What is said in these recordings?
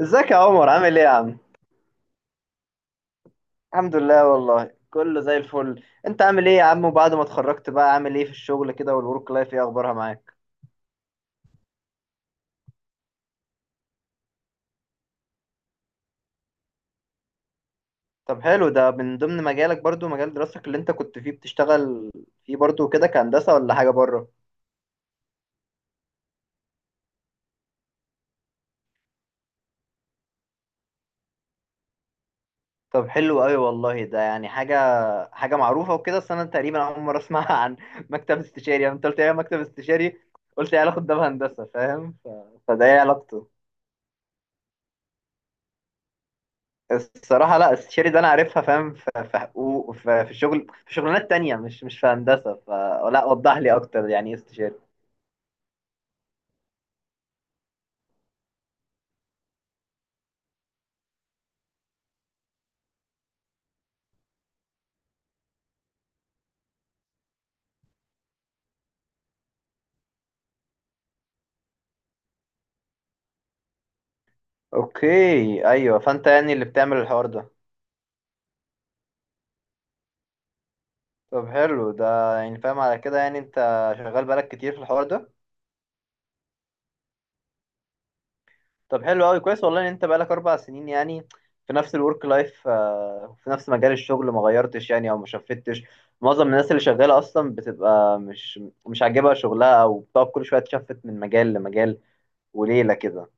ازيك يا عمر؟ عامل ايه يا عم؟ الحمد لله، والله كله زي الفل. انت عامل ايه يا عم؟ وبعد ما اتخرجت بقى عامل ايه في الشغل كده؟ والورك لايف ايه اخبارها معاك؟ طب حلو، ده من ضمن مجالك برضو، مجال دراستك اللي انت كنت فيه بتشتغل فيه برضو كده؟ كهندسة ولا حاجة بره؟ طب حلو قوي والله، ده يعني حاجة معروفة وكده، بس انا تقريبا اول مرة اسمعها عن مكتب استشاري. يعني انت قلت ايه؟ مكتب استشاري؟ قلت ايه علاقة ده بهندسة، فاهم؟ فده ايه علاقته؟ الصراحة لا، الشيري ده أنا عارفها فاهم، في حقوق، في شغل، في شغلانات تانية، مش في هندسة، فلا وضح لي أكتر يعني إيه استشاري. أوكي أيوه، فأنت يعني اللي بتعمل الحوار ده. طب حلو، ده يعني فاهم على كده، يعني أنت شغال بقالك كتير في الحوار ده. طب حلو أوي، كويس والله إن أنت بقالك 4 سنين يعني في نفس الورك لايف، في نفس مجال الشغل، ما غيرتش يعني، أو ما شفتش. معظم الناس اللي شغالة أصلا بتبقى مش عاجبها شغلها، أو بتقعد كل شوية تشفت من مجال لمجال وليلة كده.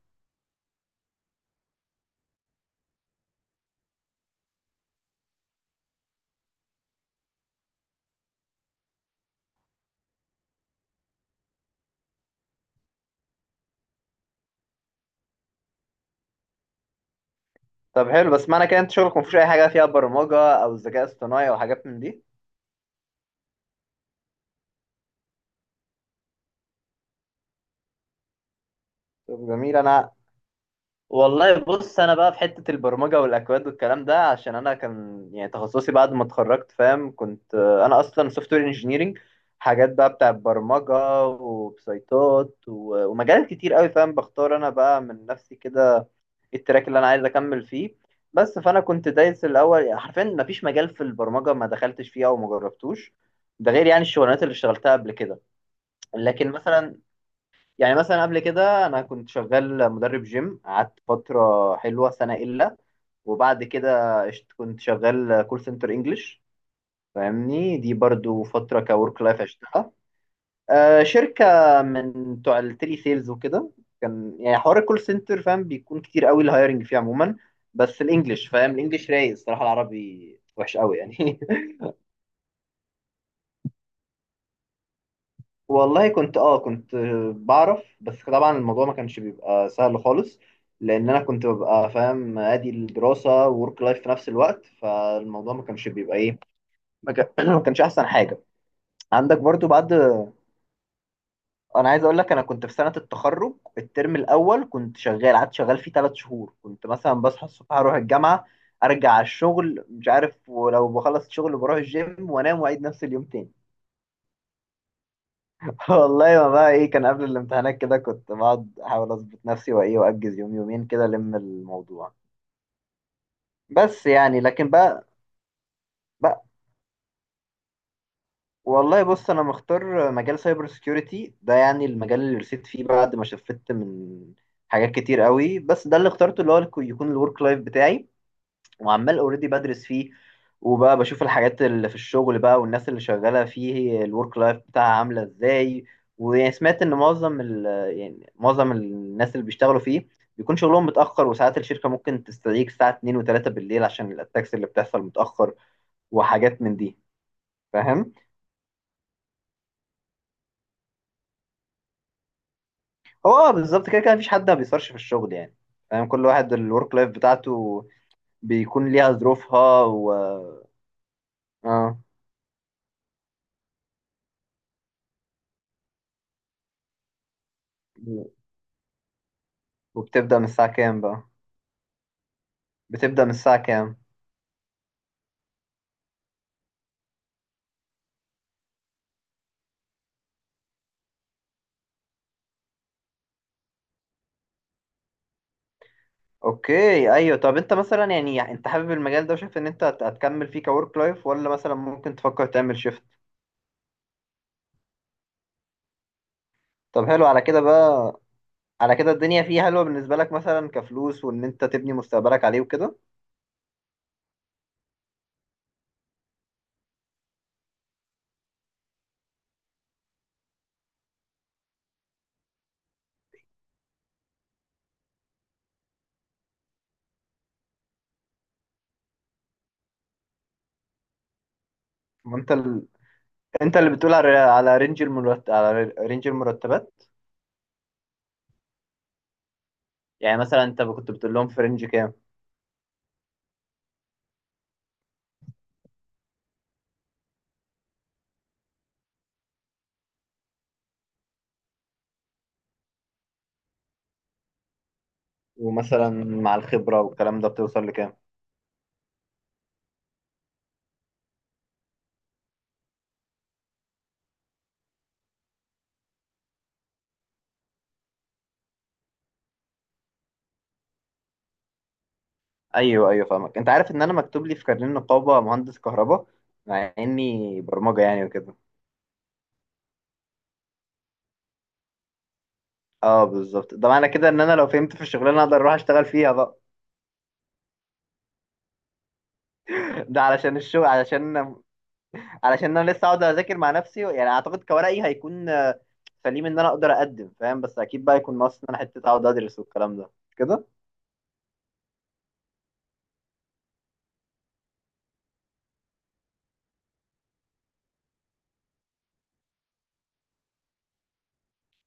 طب حلو، بس معنى كده انت شغلك مفيهوش اي حاجه فيها برمجه او ذكاء اصطناعي او حاجات من دي؟ طب جميل. انا والله بص، انا بقى في حته البرمجه والاكواد والكلام ده، عشان انا كان يعني تخصصي بعد ما اتخرجت، فاهم؟ كنت، انا اصلا سوفت وير انجينيرنج. حاجات بقى بتاع برمجه وبسيطات ومجالات كتير قوي، فاهم، بختار انا بقى من نفسي كده التراك اللي انا عايز اكمل فيه. بس فانا كنت دايس الاول، يعني حرفيا مفيش مجال في البرمجه ما دخلتش فيه او ما جربتوش. ده غير يعني الشغلانات اللي اشتغلتها قبل كده. لكن مثلا، يعني مثلا قبل كده انا كنت شغال مدرب جيم، قعدت فتره حلوه، سنه الا. كنت شغال كول سنتر انجلش، فاهمني؟ دي برضو فتره كورك لايف عشتها. شركه من بتوع التيلي سيلز وكده. كان يعني حوار الكول سنتر، فاهم، بيكون كتير قوي الهايرنج فيه عموما. بس الانجليش، فاهم، الانجليش رايق، الصراحه العربي وحش قوي يعني. والله كنت، كنت بعرف، بس طبعا الموضوع ما كانش بيبقى سهل خالص. لان انا كنت ببقى فاهم ادي الدراسه وورك لايف في نفس الوقت، فالموضوع ما كانش بيبقى ايه، ما كان- ما كانش احسن حاجه. عندك برضو بعد، انا عايز اقول لك، انا كنت في سنه التخرج الترم الاول كنت شغال، قعدت شغال فيه 3 شهور، كنت مثلا بصحى الصبح اروح الجامعه، ارجع على الشغل، مش عارف، ولو بخلص الشغل بروح الجيم وانام واعيد نفس اليوم تاني. والله ما بقى ايه، كان قبل الامتحانات كده كنت بقعد احاول اظبط نفسي وايه، واجز يوم يومين كده الم الموضوع. بس يعني، لكن بقى. بقى والله بص، انا مختار مجال سايبر سيكيورتي ده، يعني المجال اللي رسيت فيه بعد ما شفت من حاجات كتير قوي، بس ده اللي اخترته، اللي هو يكون الورك لايف بتاعي، وعمال اوريدي بدرس فيه، وبقى بشوف الحاجات اللي في الشغل بقى والناس اللي شغالة فيه الورك لايف بتاعها عاملة ازاي. ويعني سمعت ان معظم ال يعني معظم الناس اللي بيشتغلوا فيه بيكون شغلهم متأخر، وساعات الشركة ممكن تستدعيك الساعة 2 و3 بالليل عشان الاتاكس اللي بتحصل متأخر وحاجات من دي، فاهم؟ هو، بالظبط كده كده، مفيش حد ما بيصرش في الشغل يعني، فاهم. كل واحد الورك لايف بتاعته بيكون ليها ظروفها و... اه، وبتبدأ من الساعة كام بقى؟ بتبدأ من الساعة كام؟ اوكي ايوه. طب انت مثلا يعني انت حابب المجال ده، وشايف ان انت هتكمل فيه كورك لايف، ولا مثلا ممكن تفكر تعمل شيفت؟ طب حلو على كده بقى، على كده الدنيا فيه حلوه بالنسبه لك مثلا كفلوس، وان انت تبني مستقبلك عليه وكده. وانت ال... انت اللي بتقول على رينج المرتبات؟ يعني مثلا انت كنت بتقول لهم في رينج كام؟ ومثلا مع الخبره والكلام ده بتوصل لكام؟ ايوه ايوه، فاهمك. انت عارف ان انا مكتوب لي في كارنيه النقابه مهندس كهرباء، مع اني برمجه يعني وكده. اه بالظبط، ده معنى كده ان انا لو فهمت في الشغلانه اقدر اروح اشتغل فيها بقى. ده علشان الشغل، علشان انا لسه اقعد اذاكر مع نفسي يعني، اعتقد كورقي هيكون سليم ان انا اقدر اقدم، فاهم، بس اكيد بقى يكون ناقص ان انا حته اقعد ادرس والكلام ده كده.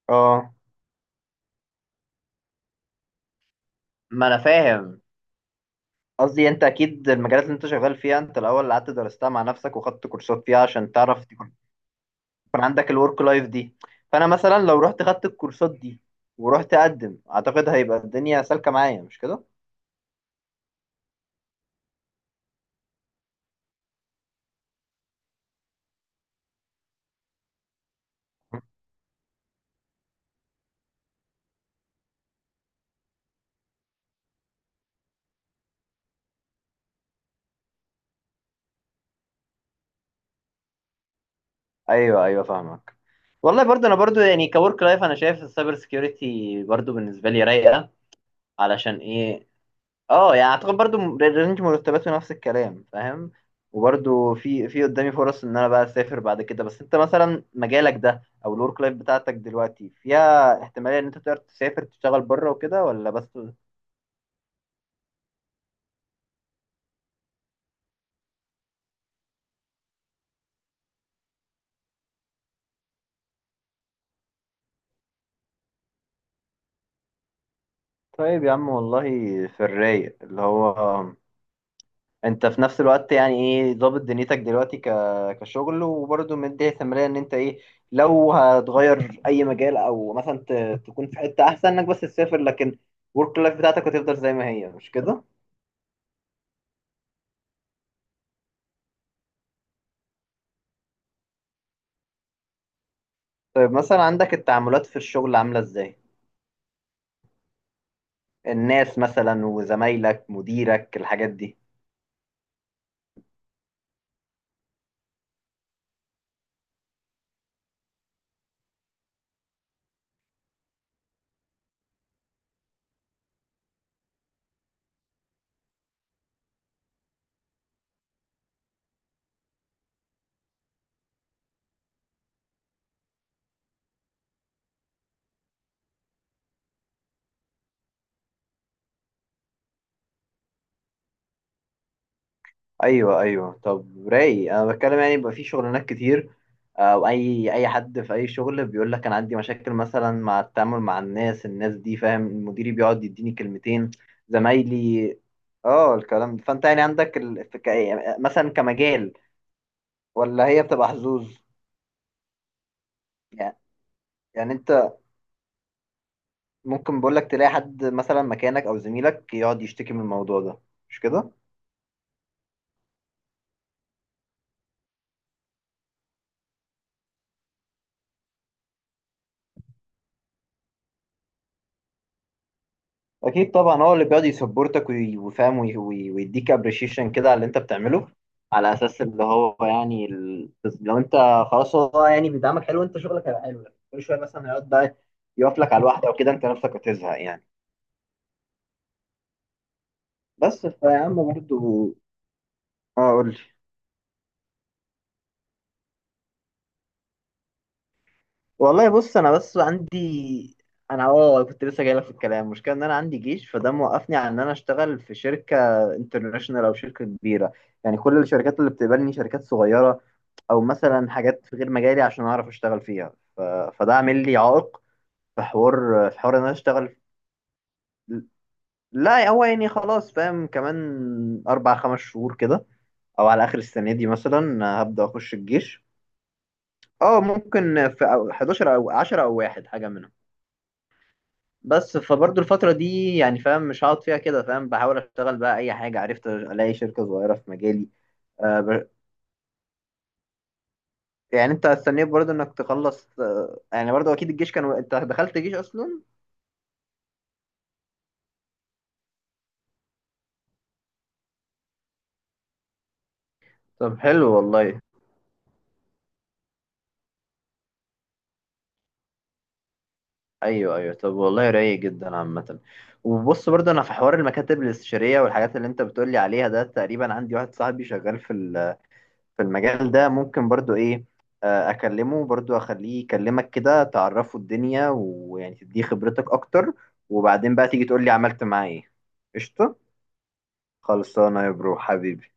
اه، ما انا فاهم، قصدي انت اكيد المجالات اللي انت شغال فيها انت الاول اللي قعدت درستها مع نفسك وخدت كورسات فيها عشان تعرف، يكون عندك الورك لايف دي. فانا مثلا لو رحت خدت الكورسات دي ورحت اقدم، اعتقد هيبقى الدنيا سالكه معايا، مش كده؟ ايوه ايوه فاهمك. والله برضه، انا برضه يعني كورك لايف، انا شايف السايبر سكيورتي برضه بالنسبه لي رايقه. علشان ايه؟ اه يعني اعتقد برضه رينج مرتباته نفس الكلام، فاهم. وبرضه في قدامي فرص ان انا بقى اسافر بعد كده. بس انت مثلا مجالك ده او الورك لايف بتاعتك دلوقتي فيها احتماليه ان انت تقدر تسافر تشتغل بره وكده، ولا بس؟ طيب يا عم والله، في الرايق اللي هو انت في نفس الوقت يعني ايه ظابط دنيتك دلوقتي كشغل، وبرضه مدي ثمرية ان انت ايه لو هتغير اي مجال، او مثلا تكون في حتة احسن انك بس تسافر، لكن ورك لايف بتاعتك هتفضل زي ما هي، مش كده؟ طيب مثلا عندك التعاملات في الشغل عاملة ازاي؟ الناس مثلا، وزمايلك، مديرك، الحاجات دي. ايوه ايوه، طب رايق. انا بتكلم يعني بيبقى في شغلانات كتير، او اي حد في اي شغل بيقول لك انا عندي مشاكل مثلا مع التعامل مع الناس، الناس دي فاهم، مديري بيقعد يديني كلمتين، زمايلي، اه الكلام ده. فانت يعني عندك، في، يعني مثلا كمجال، ولا هي بتبقى حظوظ يعني يعني انت ممكن، بقول لك تلاقي حد مثلا مكانك او زميلك يقعد يشتكي من الموضوع ده، مش كده؟ اكيد طبعا، هو اللي بيقعد يسبورتك ويفهم ويديك ابريشيشن كده على اللي انت بتعمله، على اساس اللي هو يعني، لو انت خلاص هو يعني بيدعمك حلو، انت شغلك هيبقى حلو، لكن كل شويه مثلا هيقعد بقى يقف لك على الواحده وكده، انت نفسك هتزهق يعني. بس فيا عم برضه. اه، قول لي. والله بص، انا بس عندي، انا كنت لسه جاي لك في الكلام. المشكله ان انا عندي جيش، فده موقفني عن ان انا اشتغل في شركه انترناشونال او شركه كبيره، يعني كل الشركات اللي بتقبلني شركات صغيره، او مثلا حاجات في غير مجالي عشان اعرف اشتغل فيها فده عامل لي عائق في حوار، ان انا اشتغل. لا هو يعني خلاص، فاهم، كمان اربع خمس شهور كده، او على اخر السنه دي مثلا هبدا اخش الجيش. اه، ممكن في، 11 او 10 او واحد حاجه منهم. بس فبرضه الفتره دي يعني، فاهم، مش هقعد فيها كده، فاهم، بحاول اشتغل بقى اي حاجه، عرفت الاقي شركه صغيره في مجالي. آه، يعني انت استنيت برضه انك تخلص، يعني برضه اكيد الجيش كان، انت دخلت جيش اصلا؟ طب حلو والله. ايوه ايوه، طب والله رايق جدا عامه. وبص برضه انا في حوار المكاتب الاستشاريه والحاجات اللي انت بتقولي عليها ده، تقريبا عندي واحد صاحبي شغال في المجال ده، ممكن برضه ايه، اكلمه برضه اخليه يكلمك كده تعرفه الدنيا، ويعني تديه خبرتك اكتر، وبعدين بقى تيجي تقولي عملت معاه ايه. قشطه. خلصانه يا برو، حبيبي.